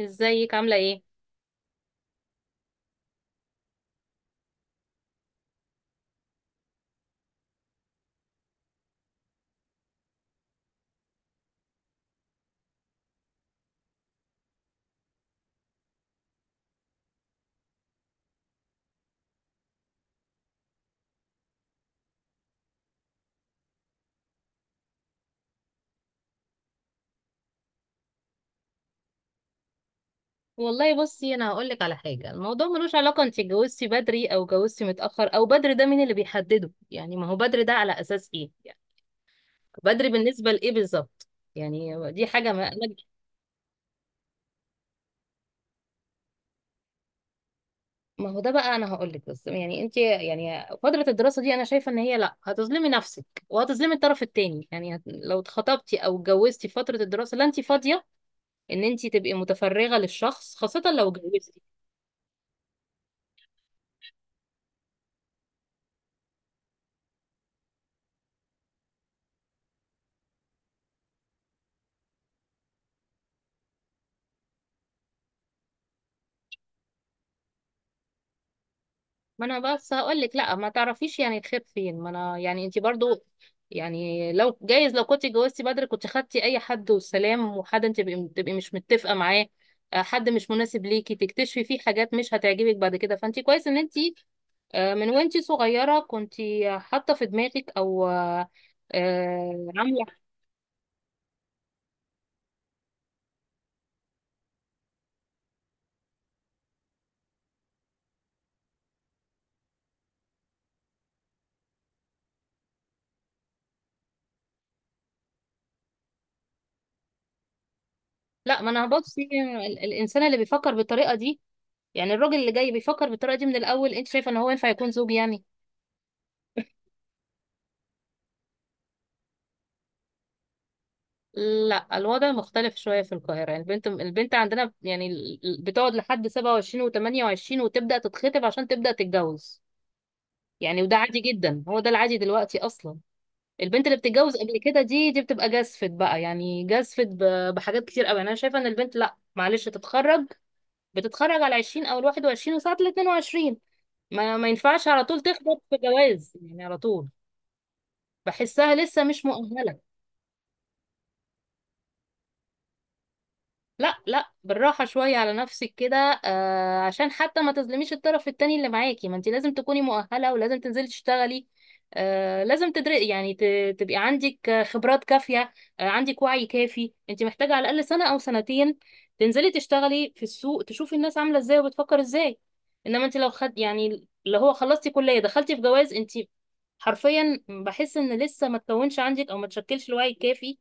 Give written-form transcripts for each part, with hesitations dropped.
ازيك؟ عاملة ايه؟ والله بصي انا هقولك على حاجة. الموضوع ملوش علاقة انت اتجوزتي بدري او اتجوزتي متأخر. او بدري ده مين اللي بيحدده؟ يعني ما هو بدري ده على اساس ايه؟ يعني بدري بالنسبة لايه بالظبط؟ يعني دي حاجة، ما انا ما هو ده بقى انا هقولك. بس يعني انت يعني فترة الدراسة دي انا شايفة ان هي لا، هتظلمي نفسك وهتظلمي الطرف التاني. يعني لو اتخطبتي او اتجوزتي في فترة الدراسة لا، انت فاضية ان انت تبقي متفرغة للشخص، خاصة لو اتجوزتي. ما انا بس هقول لك لا، ما تعرفيش يعني الخير فين. ما انا يعني انت برضو يعني لو جايز، لو كنت اتجوزتي بدري كنت خدتي اي حد والسلام، وحد انت تبقي مش متفقه معاه. حد مش مناسب ليكي، تكتشفي فيه حاجات مش هتعجبك بعد كده. فانت كويس ان انت من وانت صغيره كنت حاطه في دماغك، او آه، آه، عامله. لا، ما انا بصي، الانسان اللي بيفكر بالطريقه دي، يعني الراجل اللي جاي بيفكر بالطريقه دي من الاول، انت شايفه ان هو ينفع يكون زوج يعني؟ لا، الوضع مختلف شوية في القاهرة. يعني البنت عندنا يعني بتقعد لحد 27 و28، وتبدأ تتخطب عشان تبدأ تتجوز. يعني وده عادي جدا، هو ده العادي دلوقتي أصلا. البنت اللي بتتجوز قبل كده دي بتبقى جازفت بقى، يعني جازفت بحاجات كتير قوي. يعني أنا شايفة إن البنت، لا معلش، تتخرج، بتتخرج على 20 أو ال 21 وساعات ال 22. ما ينفعش على طول تخبط في جواز يعني، على طول بحسها لسه مش مؤهلة. لا لا، بالراحة شوية على نفسك كده. آه، عشان حتى ما تظلميش الطرف التاني اللي معاكي. ما انت لازم تكوني مؤهلة، ولازم تنزلي تشتغلي. آه، لازم تدري يعني تبقي عندك خبرات كافية. آه، عندك وعي كافي. انت محتاجة على الأقل سنة أو سنتين تنزلي تشتغلي في السوق، تشوفي الناس عاملة ازاي وبتفكر ازاي. انما انت لو خد يعني اللي هو خلصتي كلية دخلتي في جواز، انت حرفيا بحس ان لسه ما تكونش عندك او ما تشكلش الوعي الكافي.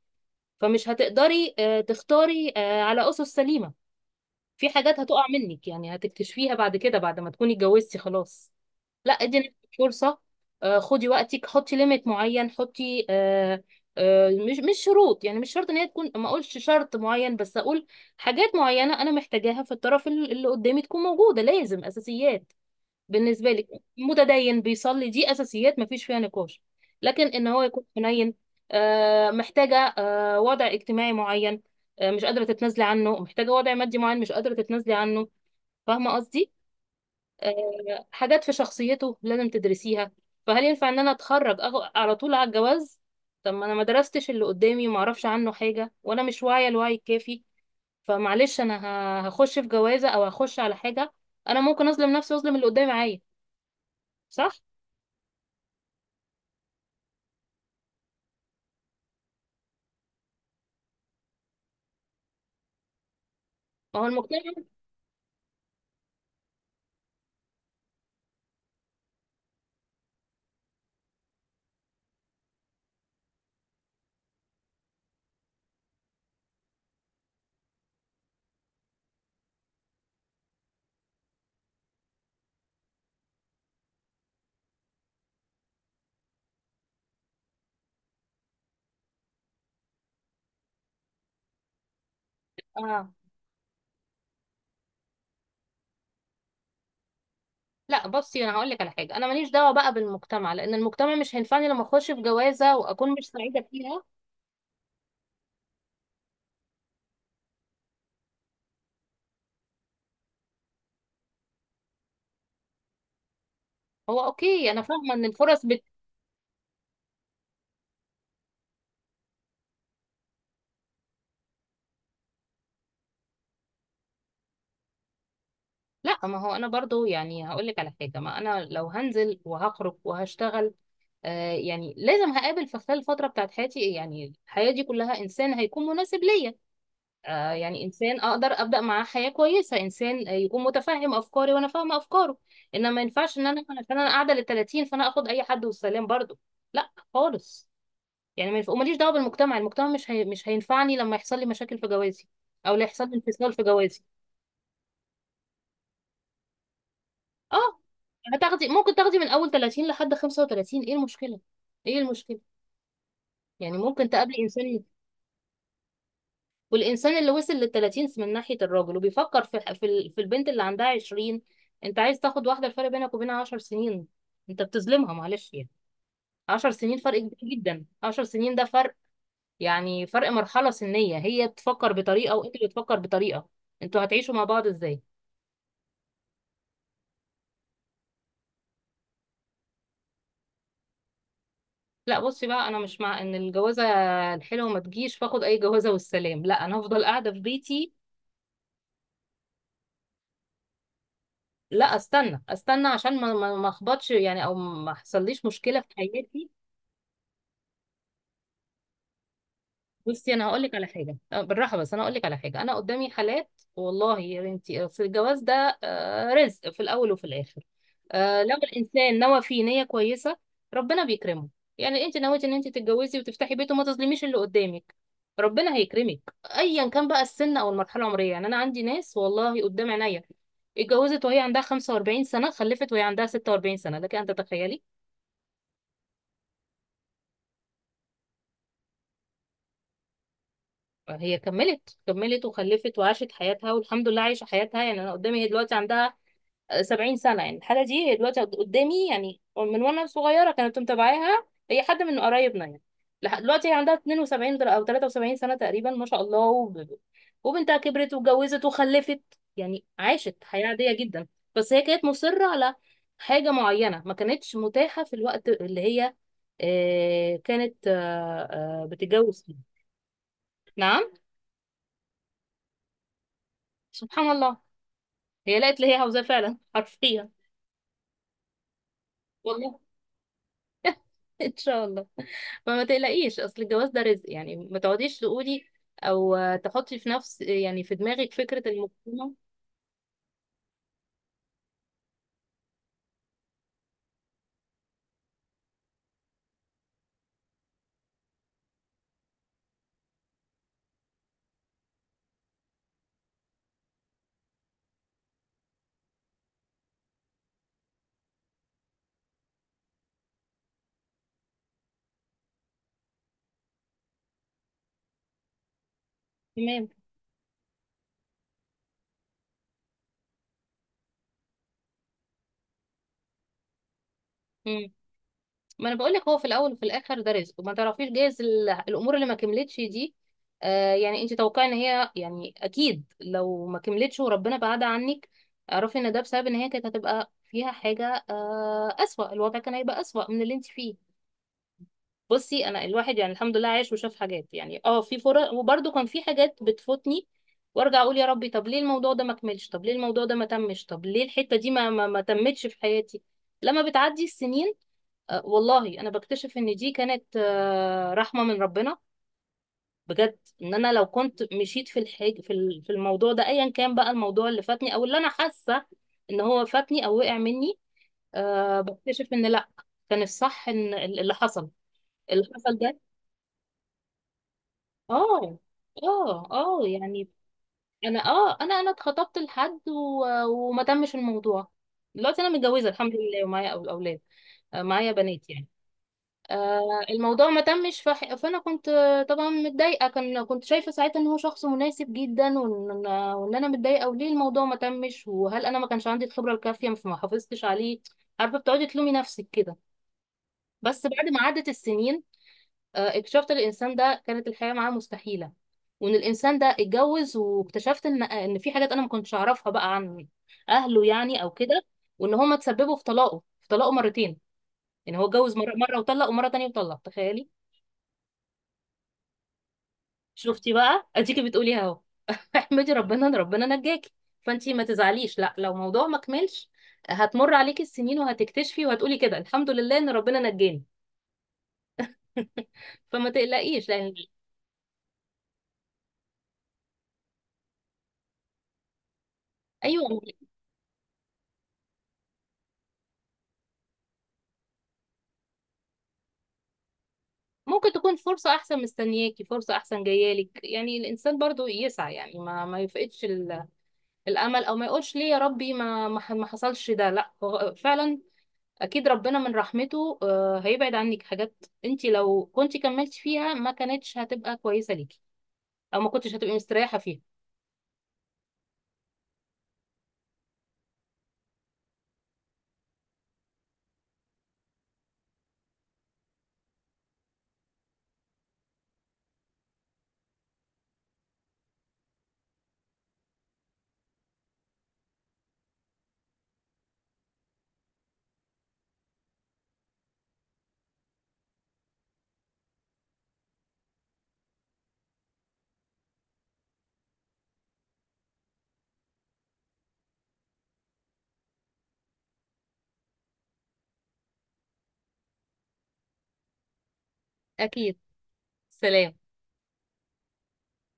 فمش هتقدري تختاري على أسس سليمة. في حاجات هتقع منك يعني، هتكتشفيها بعد كده بعد ما تكوني اتجوزتي خلاص. لا، ادي نفسك فرصة. خدي وقتك، حطي ليميت معين، حطي مش شروط. يعني مش شرط ان هي تكون، ما اقولش شرط معين، بس اقول حاجات معينة انا محتاجاها في الطرف اللي قدامي تكون موجودة. لازم اساسيات بالنسبه لك، متدين، بيصلي، دي اساسيات مفيش فيها نقاش. لكن ان هو يكون حنين، محتاجه وضع اجتماعي معين مش قادره تتنازلي عنه، محتاجه وضع مادي معين مش قادره تتنازلي عنه. فاهمه قصدي؟ حاجات في شخصيته لازم تدرسيها. فهل ينفع ان انا على طول على الجواز؟ طب ما انا ما درستش اللي قدامي، وما اعرفش عنه حاجه، وانا مش واعيه الوعي الكافي. فمعلش انا هخش في جوازه او هخش على حاجه، انا ممكن اظلم نفسي واظلم اللي قدامي معايا. صح. ما هو المجتمع. اه. لا بصي، انا هقول لك على حاجه، انا ماليش دعوه بقى بالمجتمع، لان المجتمع مش هينفعني لما اخش في جوازه واكون مش سعيده فيها. هو اوكي، انا فاهمه ان لا، ما هو انا برضو يعني هقول لك على حاجه، ما انا لو هنزل وهخرج وهشتغل، آه يعني لازم هقابل في خلال الفتره بتاعت حياتي، يعني الحياه دي كلها، انسان هيكون مناسب ليا. يعني انسان اقدر ابدا معاه حياه كويسه، انسان يكون متفهم افكاري وانا فاهمه افكاره. انما ما ينفعش ان انا عشان انا قاعده لل 30 فانا اخد اي حد والسلام برضو. لا خالص. يعني ما ينفع- وماليش دعوه بالمجتمع، المجتمع مش هينفعني لما يحصل لي مشاكل في جوازي، او لا يحصل لي انفصال في جوازي. اه. هتاخدي، ممكن تاخدي من اول 30 لحد 35، ايه المشكله؟ ايه المشكله؟ يعني ممكن تقابلي انسان. والإنسان اللي وصل للتلاتين من ناحية الراجل وبيفكر في البنت اللي عندها عشرين، أنت عايز تاخد واحدة الفرق بينك وبينها عشر سنين؟ أنت بتظلمها معلش يعني. عشر سنين فرق كبير جدا، عشر سنين ده فرق. يعني فرق مرحلة سنية، هي بتفكر بطريقة وأنت بتفكر بطريقة، أنتوا هتعيشوا مع بعض إزاي؟ لا بصي بقى، أنا مش مع إن الجوازة الحلوة ما تجيش فاخد أي جوازة والسلام، لا أنا هفضل قاعدة في بيتي. لا استنى استنى عشان ما اخبطش يعني، او ما حصليش مشكله في حياتي. بصي انا هقول لك على حاجه، أه، بالراحه. بس انا هقول لك على حاجه، انا قدامي حالات والله يا بنتي، في الجواز ده رزق في الاول وفي الاخر. لو الانسان نوى فيه نيه كويسه ربنا بيكرمه. يعني انت نويتي ان انت تتجوزي وتفتحي بيت وما تظلميش اللي قدامك، ربنا هيكرمك ايا كان بقى السن او المرحله العمريه. يعني انا عندي ناس والله قدام عينيا، اتجوزت وهي عندها 45 سنه، خلفت وهي عندها 46 سنه، لكن انت تخيلي، هي كملت وخلفت وعاشت حياتها، والحمد لله عايشة حياتها. يعني أنا قدامي هي دلوقتي عندها سبعين سنة. يعني الحالة دي هي دلوقتي قدامي يعني، من وأنا صغيرة كانت متابعاها، هي حد من قرايبنا يعني. لحد دلوقتي هي عندها 72 أو 73 سنة تقريبا، ما شاء الله. وبنتها كبرت واتجوزت وخلفت. يعني عاشت حياة عادية جدا، بس هي كانت مصرة على حاجة معينة ما كانتش متاحة في الوقت اللي هي كانت بتتجوز فيه. نعم. سبحان الله، هي لقت اللي هي عاوزاه فعلا حرفيا. والله. ان شاء الله. فما تقلقيش، اصل الجواز ده رزق يعني. ما تقعديش تقولي، او آه، تحطي في نفس يعني في دماغك فكرة المجتمع. تمام. مم. ما انا بقول لك، هو في الاول وفي الاخر ده رزق، وما تعرفيش جايز الامور اللي ما كملتش دي، آه يعني انت توقعي ان هي يعني اكيد لو ما كملتش وربنا بعدها عنك، اعرفي ان ده بسبب ان هي كانت هتبقى فيها حاجة آه اسوأ، الوضع كان هيبقى اسوأ من اللي انت فيه. بصي انا الواحد يعني الحمد لله عايش وشاف حاجات، يعني اه في فرص وبرده كان في حاجات بتفوتني، وارجع اقول يا ربي طب ليه الموضوع ده ما كملش، طب ليه الموضوع ده ما تمش، طب ليه الحتة دي ما تمتش في حياتي. لما بتعدي السنين آه والله انا بكتشف ان دي كانت آه رحمة من ربنا. بجد، ان انا لو كنت مشيت في في الموضوع ده ايا كان بقى الموضوع اللي فاتني او اللي انا حاسة ان هو فاتني او وقع مني، آه بكتشف ان لا، كان الصح ان اللي حصل، اللي حصل ده. اه اه يعني انا انا اتخطبت لحد وما تمش الموضوع. دلوقتي انا متجوزه الحمد لله، ومعايا اولاد، معايا بنات يعني. آه، الموضوع ما تمش فانا كنت طبعا متضايقه، كنت شايفه ساعتها ان هو شخص مناسب جدا، وان انا متضايقه وليه الموضوع ما تمش، وهل انا ما كانش عندي الخبره الكافيه فما حافظتش عليه. عارفه، بتقعدي تلومي نفسك كده. بس بعد ما عدت السنين اكتشفت الانسان ده كانت الحياه معاه مستحيله، وان الانسان ده اتجوز، واكتشفت ان ان في حاجات انا ما كنتش اعرفها بقى عن اهله يعني او كده، وان هما تسببوا في طلاقه، في طلاقه مرتين. يعني هو اتجوز مره وطلق، ومره تانية وطلق، تخيلي. شفتي بقى، اديكي بتقولي اهو. احمدي ربنا ان ربنا نجاكي. فانتي ما تزعليش لا، لو موضوع ما كملش هتمر عليكي السنين وهتكتشفي وهتقولي كده الحمد لله ان ربنا نجاني. فما تقلقيش لان. ايوه، ممكن تكون فرصة أحسن مستنياكي، فرصة أحسن جايالك. يعني الإنسان برضو يسعى، يعني ما يفقدش الأمل، أو ما يقولش ليه يا ربي ما حصلش ده. لا هو فعلا أكيد ربنا من رحمته هيبعد عنك حاجات أنت لو كنت كملتي فيها ما كانتش هتبقى كويسة ليكي أو ما كنتش هتبقي مستريحة فيها. أكيد. سلام.